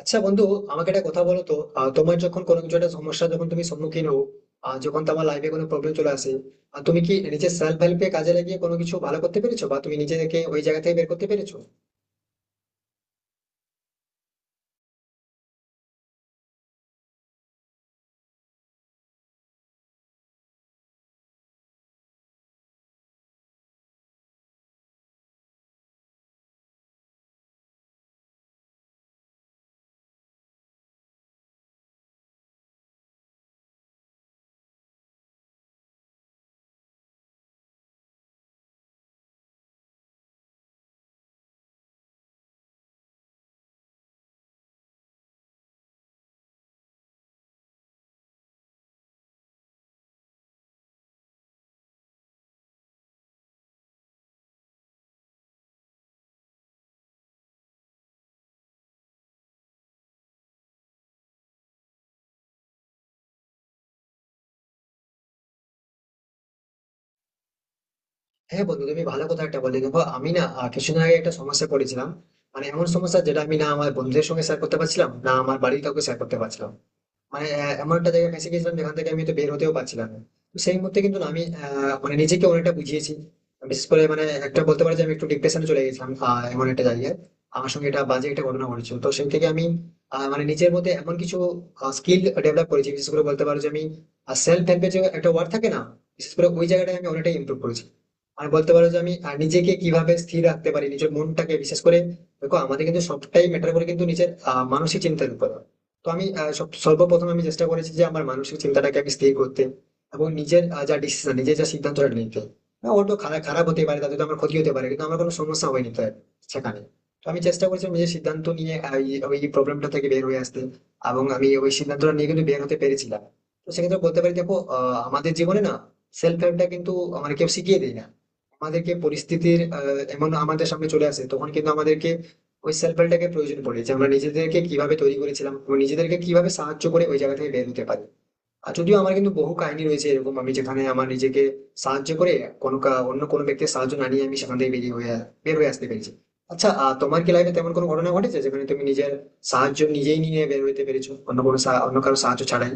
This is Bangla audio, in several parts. আচ্ছা বন্ধু, আমাকে একটা কথা বলো তো। তোমার যখন কোনো কিছু একটা সমস্যা, যখন তুমি সম্মুখীন হও, যখন তোমার লাইফে কোনো প্রবলেম চলে আসে, আর তুমি কি নিজের সেলফ হেল্পে কাজে লাগিয়ে কোনো কিছু ভালো করতে পেরেছো, বা তুমি নিজেকে ওই জায়গা থেকে বের করতে পেরেছো? হ্যাঁ বন্ধু, তুমি ভালো কথা একটা বললে। দেখো, আমি না কিছুদিন আগে একটা সমস্যা পড়েছিলাম। মানে এমন সমস্যা, যেটা আমি না আমার বন্ধুদের সঙ্গে শেয়ার করতে পারছিলাম না, আমার বাড়ির কাউকে শেয়ার করতে পারছিলাম। মানে এমন একটা জায়গায় ফেঁসে গেছিলাম, যেখান থেকে আমি তো বের হতেও পারছিলাম না। তো সেই মুহূর্তে কিন্তু না আমি মানে নিজেকে অনেকটা বুঝিয়েছি। বিশেষ করে মানে একটা বলতে পারি যে আমি একটু ডিপ্রেশনে চলে গেছিলাম। এমন একটা জায়গায় আমার সঙ্গে এটা বাজে একটা ঘটনা ঘটেছিল, তো সেই থেকে আমি মানে নিজের মধ্যে এমন কিছু স্কিল ডেভেলপ করেছি। বিশেষ করে বলতে পারো যে আমি সেলফ হেল্পে যে একটা ওয়ার্ড থাকে না, বিশেষ করে ওই জায়গাটায় আমি অনেকটাই ইমপ্রুভ করেছি। আর বলতে পারো যে আমি নিজেকে কিভাবে স্থির রাখতে পারি, নিজের মনটাকে বিশেষ করে। দেখো, আমাদের কিন্তু সবটাই ম্যাটার করে কিন্তু নিজের মানসিক চিন্তার উপর। তো আমি সর্বপ্রথম আমি চেষ্টা করেছি যে আমার মানসিক চিন্তাটাকে আমি স্থির করতে, এবং নিজের যা ডিসিশন, নিজের যা সিদ্ধান্তটা নিতে। হ্যাঁ, ওর তো খারাপ খারাপ হতে পারে, তাতে তো আমার ক্ষতি হতে পারে, কিন্তু আমার কোনো সমস্যা হয়নি তার সেখানে। তো আমি চেষ্টা করেছি নিজের সিদ্ধান্ত নিয়ে ওই প্রবলেমটা থেকে বের হয়ে আসতে, এবং আমি ওই সিদ্ধান্তটা নিয়ে কিন্তু বের হতে পেরেছিলাম। তো সেক্ষেত্রে বলতে পারি, দেখো, আমাদের জীবনে না সেলফ হেল্পটা কিন্তু মানে কেউ শিখিয়ে দেয় না। আমাদেরকে পরিস্থিতির এমন আমাদের সামনে চলে আসে, তখন কিন্তু আমাদেরকে ওই সেলফ হেল্পটাকে প্রয়োজন পড়ে, যে আমরা নিজেদেরকে কিভাবে তৈরি করেছিলাম এবং নিজেদেরকে কিভাবে সাহায্য করে ওই জায়গা থেকে বের হতে পারি। আর যদিও আমার কিন্তু বহু কাহিনী রয়েছে এরকম, আমি যেখানে আমার নিজেকে সাহায্য করে অন্য কোনো ব্যক্তির সাহায্য না নিয়ে আমি সেখান থেকে বের হয়ে আসতে পেরেছি। আচ্ছা তোমার কি লাইফে তেমন কোনো ঘটনা ঘটেছে, যেখানে তুমি নিজের সাহায্য নিজেই নিয়ে বের হতে পেরেছো, অন্য কারো সাহায্য ছাড়াই?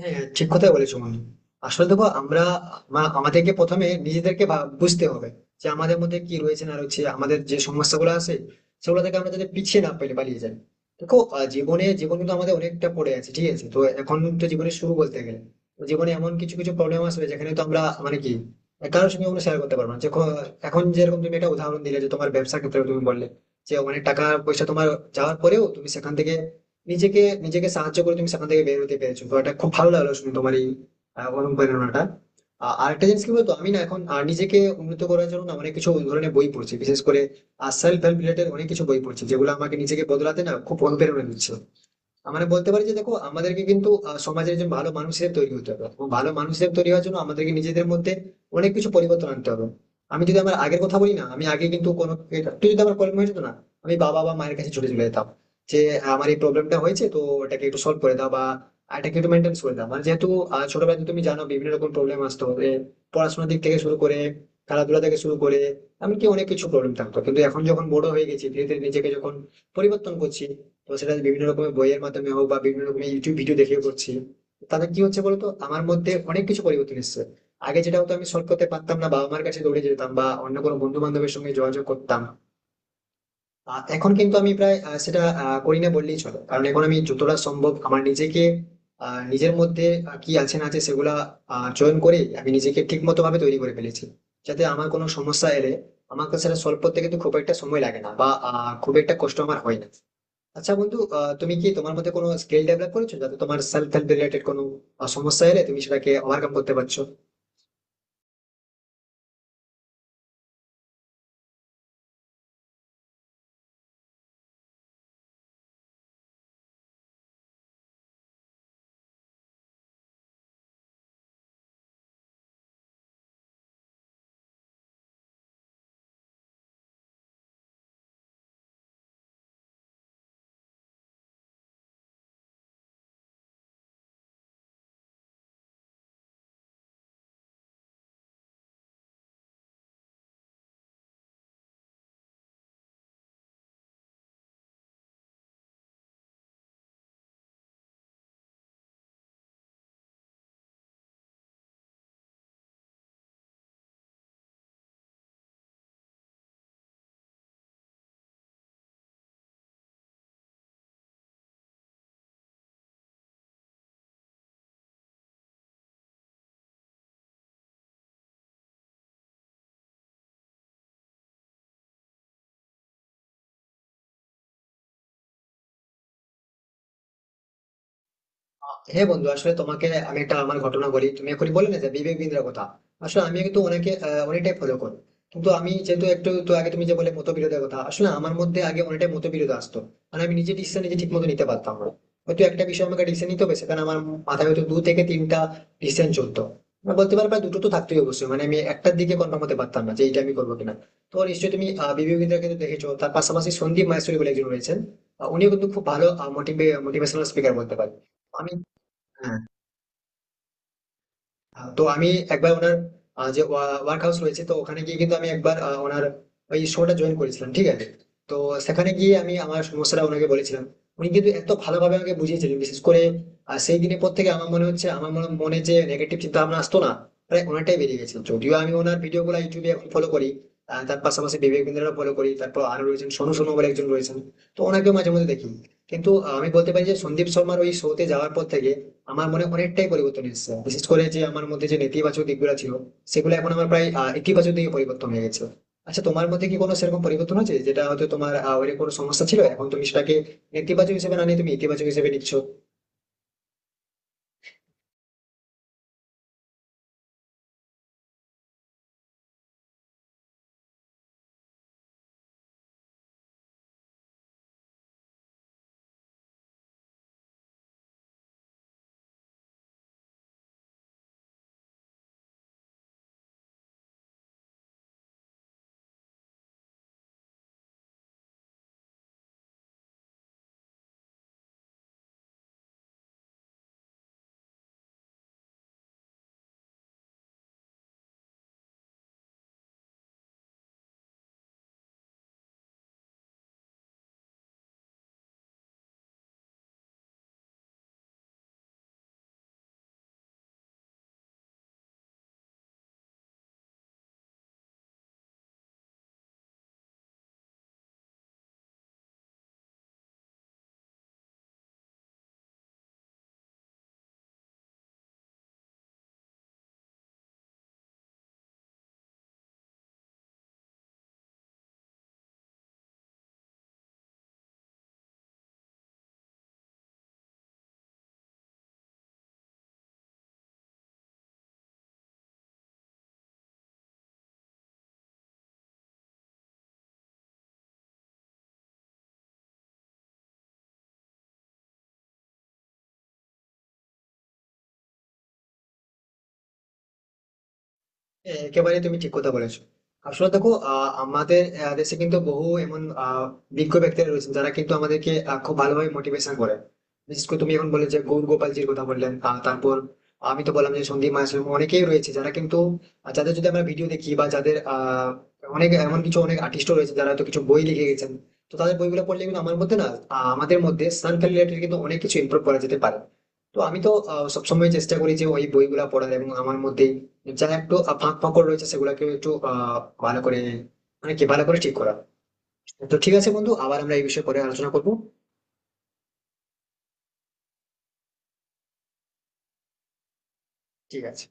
হ্যাঁ হ্যাঁ, ঠিক কথাই বলেছো মামনি। আসলে দেখো, আমরা আমাদেরকে প্রথমে নিজেদেরকে বুঝতে হবে যে আমাদের মধ্যে কি রয়েছে না রয়েছে, আমাদের যে সমস্যাগুলো আছে সেগুলো থেকে আমরা যাতে পিছিয়ে না পেলে পালিয়ে যাই। দেখো, জীবনে জীবন কিন্তু আমাদের অনেকটা পড়ে আছে, ঠিক আছে? তো এখন তো জীবনে শুরু বলতে গেলে। তো জীবনে এমন কিছু কিছু প্রবলেম আসবে যেখানে তো আমরা মানে কি কারোর সঙ্গে কোনো শেয়ার করতে পারবো না। এখন যেরকম তুমি একটা উদাহরণ দিলে যে তোমার ব্যবসার ক্ষেত্রে, তুমি বললে যে অনেক টাকা পয়সা তোমার যাওয়ার পরেও তুমি সেখান থেকে নিজেকে নিজেকে সাহায্য করে তুমি সেখান থেকে বের হতে পেরেছো। তো এটা খুব ভালো লাগলো শুনে তোমার এই অনুপ্রেরণাটা। আরেকটা জিনিস কি বলতো, আমি না এখন নিজেকে উন্নত করার জন্য না অনেক কিছু ওই ধরনের বই পড়ছি, বিশেষ করে সেলফ হেল্প রিলেটেড অনেক কিছু বই পড়ছি, যেগুলো আমাকে নিজেকে বদলাতে না খুব অনুপ্রেরণা দিচ্ছে। মানে বলতে পারি যে দেখো, আমাদেরকে কিন্তু সমাজের একজন ভালো মানুষ হিসেবে তৈরি হতে হবে, এবং ভালো মানুষ হিসেবে তৈরি হওয়ার জন্য আমাদেরকে নিজেদের মধ্যে অনেক কিছু পরিবর্তন আনতে হবে। আমি যদি আমার আগের কথা বলি না, আমি আগে কিন্তু কোনো একটু যদি আমার প্রবলেম হয়ে যেত না, আমি বাবা বা মায়ের কাছে ছুটে চলে যেতাম, যে হ্যাঁ, আমার এই প্রবলেমটা হয়েছে, তো এটাকে একটু সলভ করে দাও, বা এটাকে একটু মেনটেন্স করে দাও। মানে যেহেতু ছোটবেলাতে তুমি জানো বিভিন্ন রকম প্রবলেম আসতো, পড়াশোনার দিক থেকে শুরু করে, খেলাধুলা থেকে শুরু করে, এমনকি অনেক কিছু প্রবলেম থাকতো। কিন্তু এখন যখন বড় হয়ে গেছি, ধীরে ধীরে নিজেকে যখন পরিবর্তন করছি, তো সেটা বিভিন্ন রকমের বইয়ের মাধ্যমে হোক বা বিভিন্ন রকমের ইউটিউব ভিডিও দেখেও করছি। তাতে কি হচ্ছে বলতো, আমার মধ্যে অনেক কিছু পরিবর্তন এসেছে। আগে যেটা হতো, আমি সলভ করতে পারতাম না, বাবা মার কাছে দৌড়ে যেতাম বা অন্য কোনো বন্ধু বান্ধবের সঙ্গে যোগাযোগ করতাম। এখন কিন্তু আমি প্রায় করি না বললেই চলে, কারণ এখন আমি যতটা সম্ভব আমার নিজেকে নিজের মধ্যে কি আছে না আছে সেগুলা চয়ন করে আমি নিজেকে ঠিক মতো ভাবে তৈরি করে ফেলেছি, যাতে আমার কোনো সমস্যা এলে আমাকে সেটা সলভ করতে কিন্তু খুব একটা সময় লাগে না, বা খুব একটা কষ্ট আমার হয় না। আচ্ছা বন্ধু, তুমি কি তোমার মধ্যে কোনো স্কিল ডেভেলপ করেছো যাতে তোমার সেলফ হেল্প রিলেটেড কোনো সমস্যা এলে তুমি সেটাকে ওভারকাম করতে পারছো? হ্যাঁ বন্ধু, আসলে তোমাকে আমি একটা আমার ঘটনা বলি। তুমি এখন বলে না যে বিবেক বিন্দ্রার কথা, আসলে আমি কিন্তু ওনাকে অনেকটাই ফলো করি। কিন্তু আমি যেহেতু একটু তো আগে তুমি যে বলে মতবিরোধের কথা, আসলে আমার মধ্যে আগে অনেকটাই মতবিরোধ আসতো। মানে আমি নিজে ডিসিশন নিজে ঠিক মতো নিতে পারতাম না। হয়তো একটা বিষয় আমাকে ডিসিশন নিতে হবে, সেখানে আমার মাথায় হয়তো দু থেকে তিনটা ডিসিশন চলতো। মানে বলতে পারো প্রায় দুটো তো থাকতেই, অবশ্যই মানে আমি একটার দিকে কনফার্ম হতে পারতাম না যে এটা আমি করবো কিনা। তো নিশ্চয়ই তুমি বিবেক বিন্দ্রাকে তো দেখেছো, তার পাশাপাশি সন্দীপ মাহেশ্বরী বলে একজন রয়েছেন। উনিও কিন্তু খুব ভালো মোটিভেশনাল স্পিকার বলতে পারেন। আমি হ্যাঁ, তো আমি একবার ওনার যে ওয়ার্ক হাউস রয়েছে, তো ওখানে গিয়ে কিন্তু আমি একবার ওনার ওই শোটা জয়েন করেছিলাম, ঠিক আছে। তো সেখানে গিয়ে আমি আমার সমস্যাটা ওনাকে বলেছিলাম। উনি কিন্তু এত ভালোভাবে আমাকে বুঝিয়েছিলেন, বিশেষ করে সেই দিনের পর থেকে আমার মনে হচ্ছে আমার মনে মনে যে নেগেটিভ চিন্তা ভাবনা আসতো না, প্রায় অনেকটাই বেরিয়ে গেছে। যদিও আমি ওনার ভিডিও গুলো ইউটিউবে এখন ফলো করি, তার পাশাপাশি বিবেক বিন্দ্রারও ফলো করি। তারপর আরো রয়েছেন সোনু সোনু বলে একজন রয়েছেন, তো ওনাকেও মাঝে মধ্যে দেখি। কিন্তু আমি বলতে পারি যে সন্দীপ শর্মার ওই শোতে যাওয়ার পর থেকে আমার মনে অনেকটাই পরিবর্তন এসেছে, বিশেষ করে যে আমার মধ্যে যে নেতিবাচক দিকগুলো ছিল, সেগুলো এখন আমার প্রায় ইতিবাচক দিকে পরিবর্তন হয়ে গেছে। আচ্ছা, তোমার মধ্যে কি কোনো সেরকম পরিবর্তন হয়েছে, যেটা হয়তো তোমার ওরকম কোনো সমস্যা ছিল, এখন তুমি সেটাকে নেতিবাচক হিসেবে না নিয়ে তুমি ইতিবাচক হিসেবে নিচ্ছ? হ্যাঁ, একেবারে তুমি ঠিক কথা বলেছো। আসলে দেখো, আমাদের দেশে কিন্তু বহু এমন বিজ্ঞ ব্যক্তিরা রয়েছেন যারা কিন্তু আমাদেরকে খুব ভালোভাবে মোটিভেশন করে। বিশেষ করে তুমি এখন বলে যে গৌর গোপালজির কথা বললেন, তারপর আমি তো বললাম যে সন্দীপ মাহাশয়, অনেকেই রয়েছে যারা কিন্তু যাদের যদি আমরা ভিডিও দেখি, বা যাদের অনেক এমন কিছু অনেক আর্টিস্টও রয়েছে যারা তো কিছু বই লিখে গেছেন। তো তাদের বইগুলো পড়লে কিন্তু আমার মধ্যে না আমাদের মধ্যে সেলফ রিলেটেড কিন্তু অনেক কিছু ইমপ্রুভ করা যেতে পারে। তো আমি তো সবসময় চেষ্টা করি যে ওই বইগুলা পড়ার, এবং আমার মধ্যে যারা একটু ফাঁক ফোকর রয়েছে, সেগুলোকে একটু ভালো করে, মানে কি ভালো করে ঠিক করা। তো ঠিক আছে বন্ধু, আবার আমরা এই বিষয়ে পরে আলোচনা করবো। ঠিক আছে।